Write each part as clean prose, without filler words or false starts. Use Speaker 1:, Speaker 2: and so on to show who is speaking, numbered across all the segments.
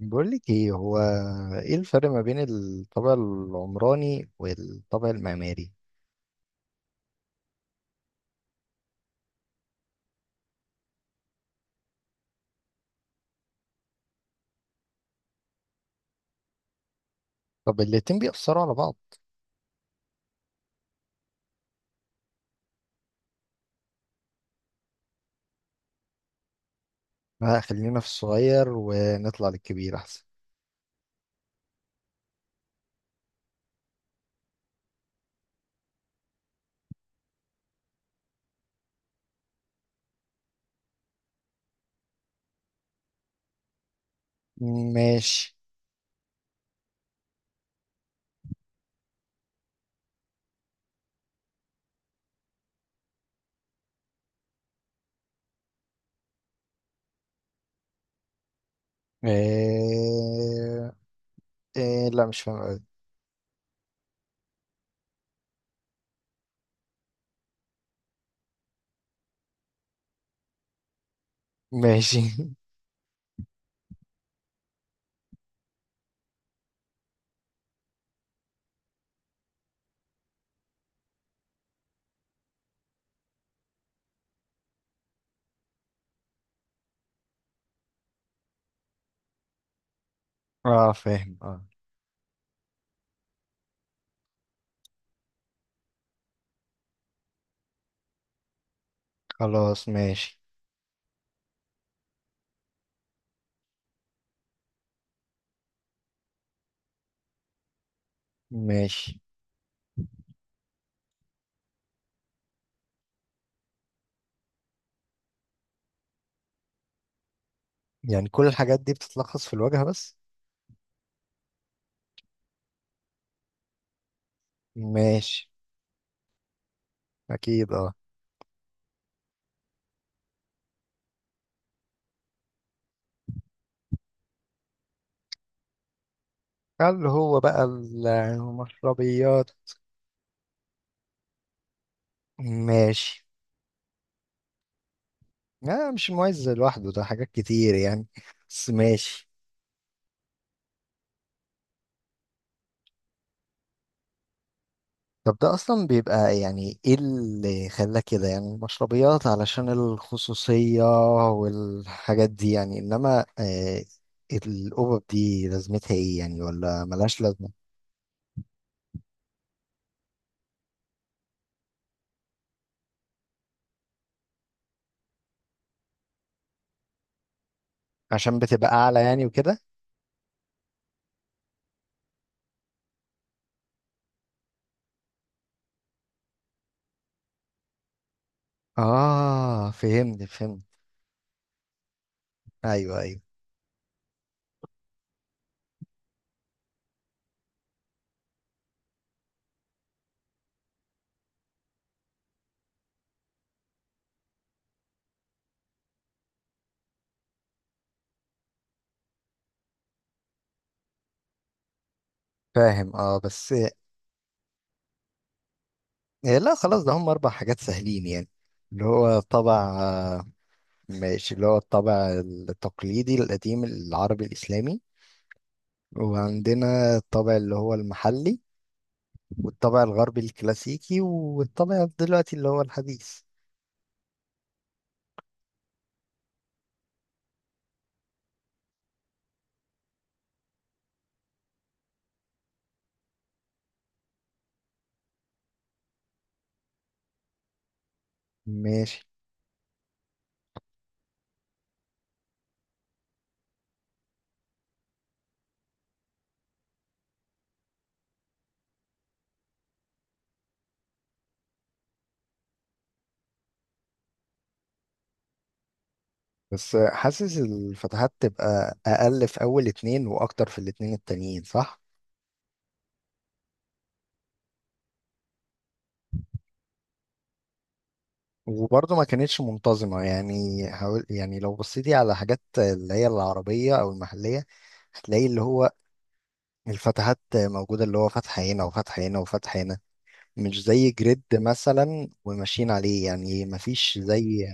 Speaker 1: بقولك ايه، هو ايه الفرق ما بين الطابع العمراني والطابع المعماري؟ طب الاتنين بيأثروا على بعض؟ لا، خلينا في الصغير ونطلع للكبير احسن. ماشي. إيه... لا، مش فاهم أوي. ماشي. اه، فاهم، اه. خلاص، ماشي. ماشي. يعني كل الحاجات دي بتتلخص في الواجهة بس؟ ماشي. اكيد، اه. هل هو بقى المشربيات؟ ماشي. لا، مش المعز لوحده، ده حاجات كتير يعني، بس ماشي. طب ده اصلا بيبقى يعني ايه اللي خلاه كده يعني، المشربيات علشان الخصوصية والحاجات دي يعني، انما الأوبب دي لازمتها ايه يعني، ولا ملهاش لازمة؟ عشان بتبقى اعلى يعني وكده. اه، فهمت فهمت. ايوه ايوه. فاهم، اه، بس. آه، لا، خلاص، ده هم اربع حاجات سهلين يعني. اللي هو طبع. ماشي، اللي هو الطابع التقليدي القديم العربي الإسلامي. وعندنا الطابع اللي هو المحلي. والطابع الغربي الكلاسيكي، والطابع دلوقتي اللي هو الحديث. ماشي. بس حاسس الفتحات تبقى أقل في أول اتنين، وأكتر في الاتنين التانيين، صح؟ وبرضه ما كانتش منتظمة يعني. حاول، يعني لو بصيتي على حاجات اللي هي العربية أو المحلية هتلاقي اللي هو الفتحات موجودة، اللي هو فتح هنا وفتح هنا وفتح هنا، مش زي جريد مثلا وماشيين عليه يعني، مفيش زي.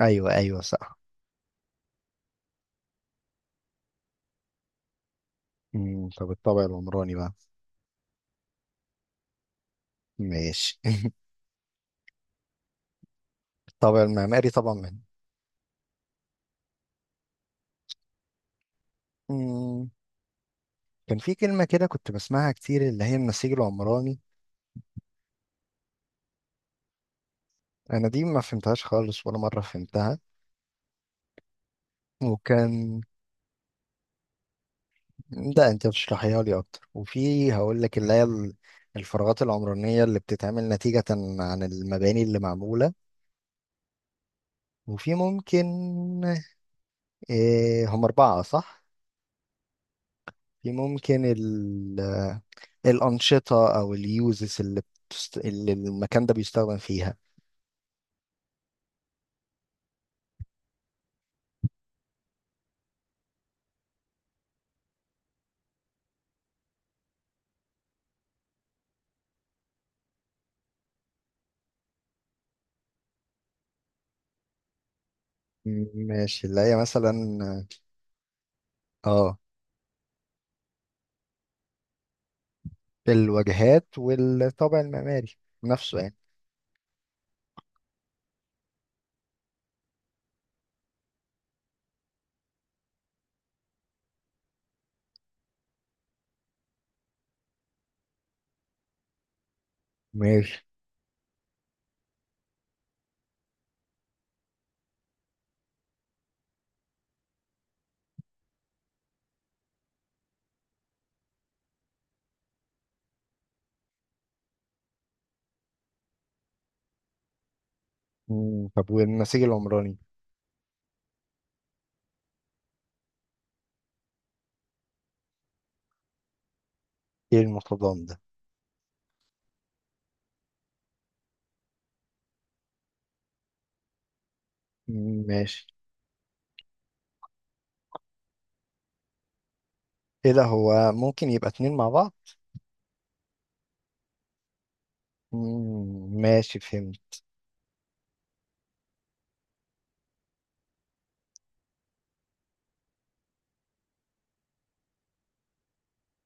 Speaker 1: ايوه ايوه، صح. طب الطابع العمراني بقى. ماشي. الطابع المعماري طبعا من. مم، كان في كلمة كده كنت بسمعها كتير، اللي هي النسيج العمراني. انا دي ما فهمتهاش خالص، ولا مرة فهمتها. وكان، ده انت بتشرحيها لي اكتر، وفي هقول لك اللي هي الفراغات العمرانية اللي بتتعمل نتيجة عن المباني اللي معمولة. وفي ممكن إيه هم أربعة، صح؟ في ممكن ال الأنشطة أو اليوزز اللي، اللي المكان ده بيستخدم فيها. ماشي، اللي هي مثلا. اه، الواجهات والطابع المعماري نفسه يعني. ماشي. طب والنسيج العمراني. ايه المتضامن ده؟ مم، ماشي. ايه ده، هو ممكن يبقى اتنين مع بعض؟ مم، ماشي، فهمت.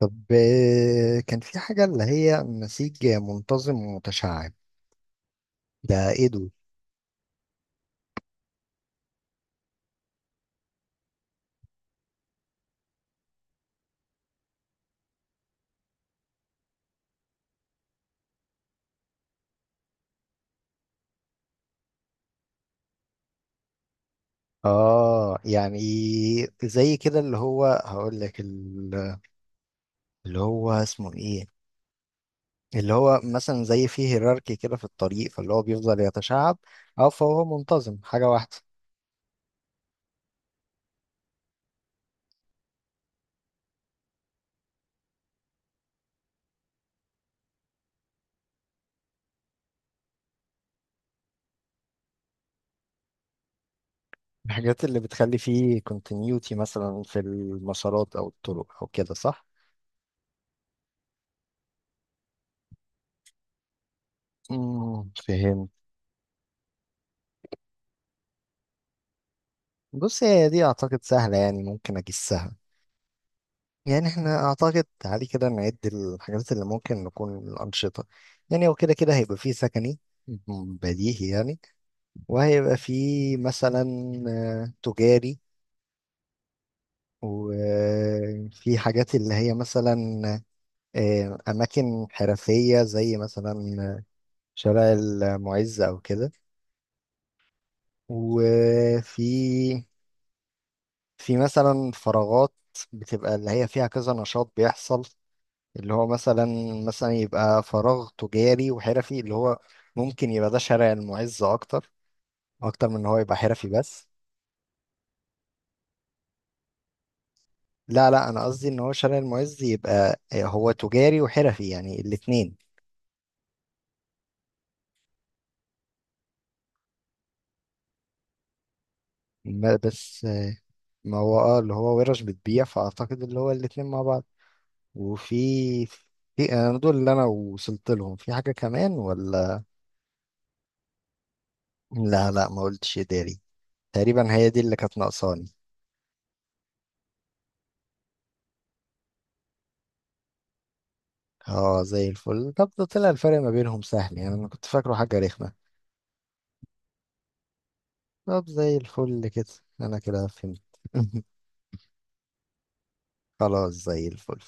Speaker 1: طب كان في حاجة اللي هي نسيج منتظم ومتشعب، ده ايه دول؟ اه، يعني زي كده اللي هو هقول لك اللي هو اسمه ايه، اللي هو مثلا زي فيه هيراركي كده في الطريق، فاللي هو بيفضل يتشعب. اه، فهو منتظم حاجة واحدة. الحاجات اللي بتخلي فيه continuity مثلا في المسارات او الطرق او كده، صح؟ فهمت. بص، هي دي اعتقد سهلة يعني ممكن اجسها. يعني احنا اعتقد تعالي كده نعد الحاجات اللي ممكن نكون الانشطة. يعني هو كده كده هيبقى فيه سكني، بديهي يعني. وهيبقى فيه مثلا تجاري. وفي حاجات اللي هي مثلا أماكن حرفية، زي مثلا شارع المعز أو كده. وفي في مثلا فراغات بتبقى اللي هي فيها كذا نشاط بيحصل، اللي هو مثلا. مثلا يبقى فراغ تجاري وحرفي، اللي هو ممكن يبقى ده شارع المعز أكتر. أكتر من إن هو يبقى حرفي بس. لا لا، انا قصدي ان هو شارع المعز يبقى هو تجاري وحرفي يعني الاتنين. بس. ما هو، اللي هو ورش بتبيع، فاعتقد اللي هو الاتنين مع بعض. وفي في انا دول اللي انا وصلت لهم، في حاجة كمان ولا؟ لا لا، ما قلتش اداري. تقريبا هي دي اللي كانت ناقصاني. اه، زي الفل. طب ده طلع الفرق ما بينهم سهل يعني، انا كنت فاكره حاجة رخمة. طب زي الفل كده. انا كده فهمت. خلاص، زي الفل.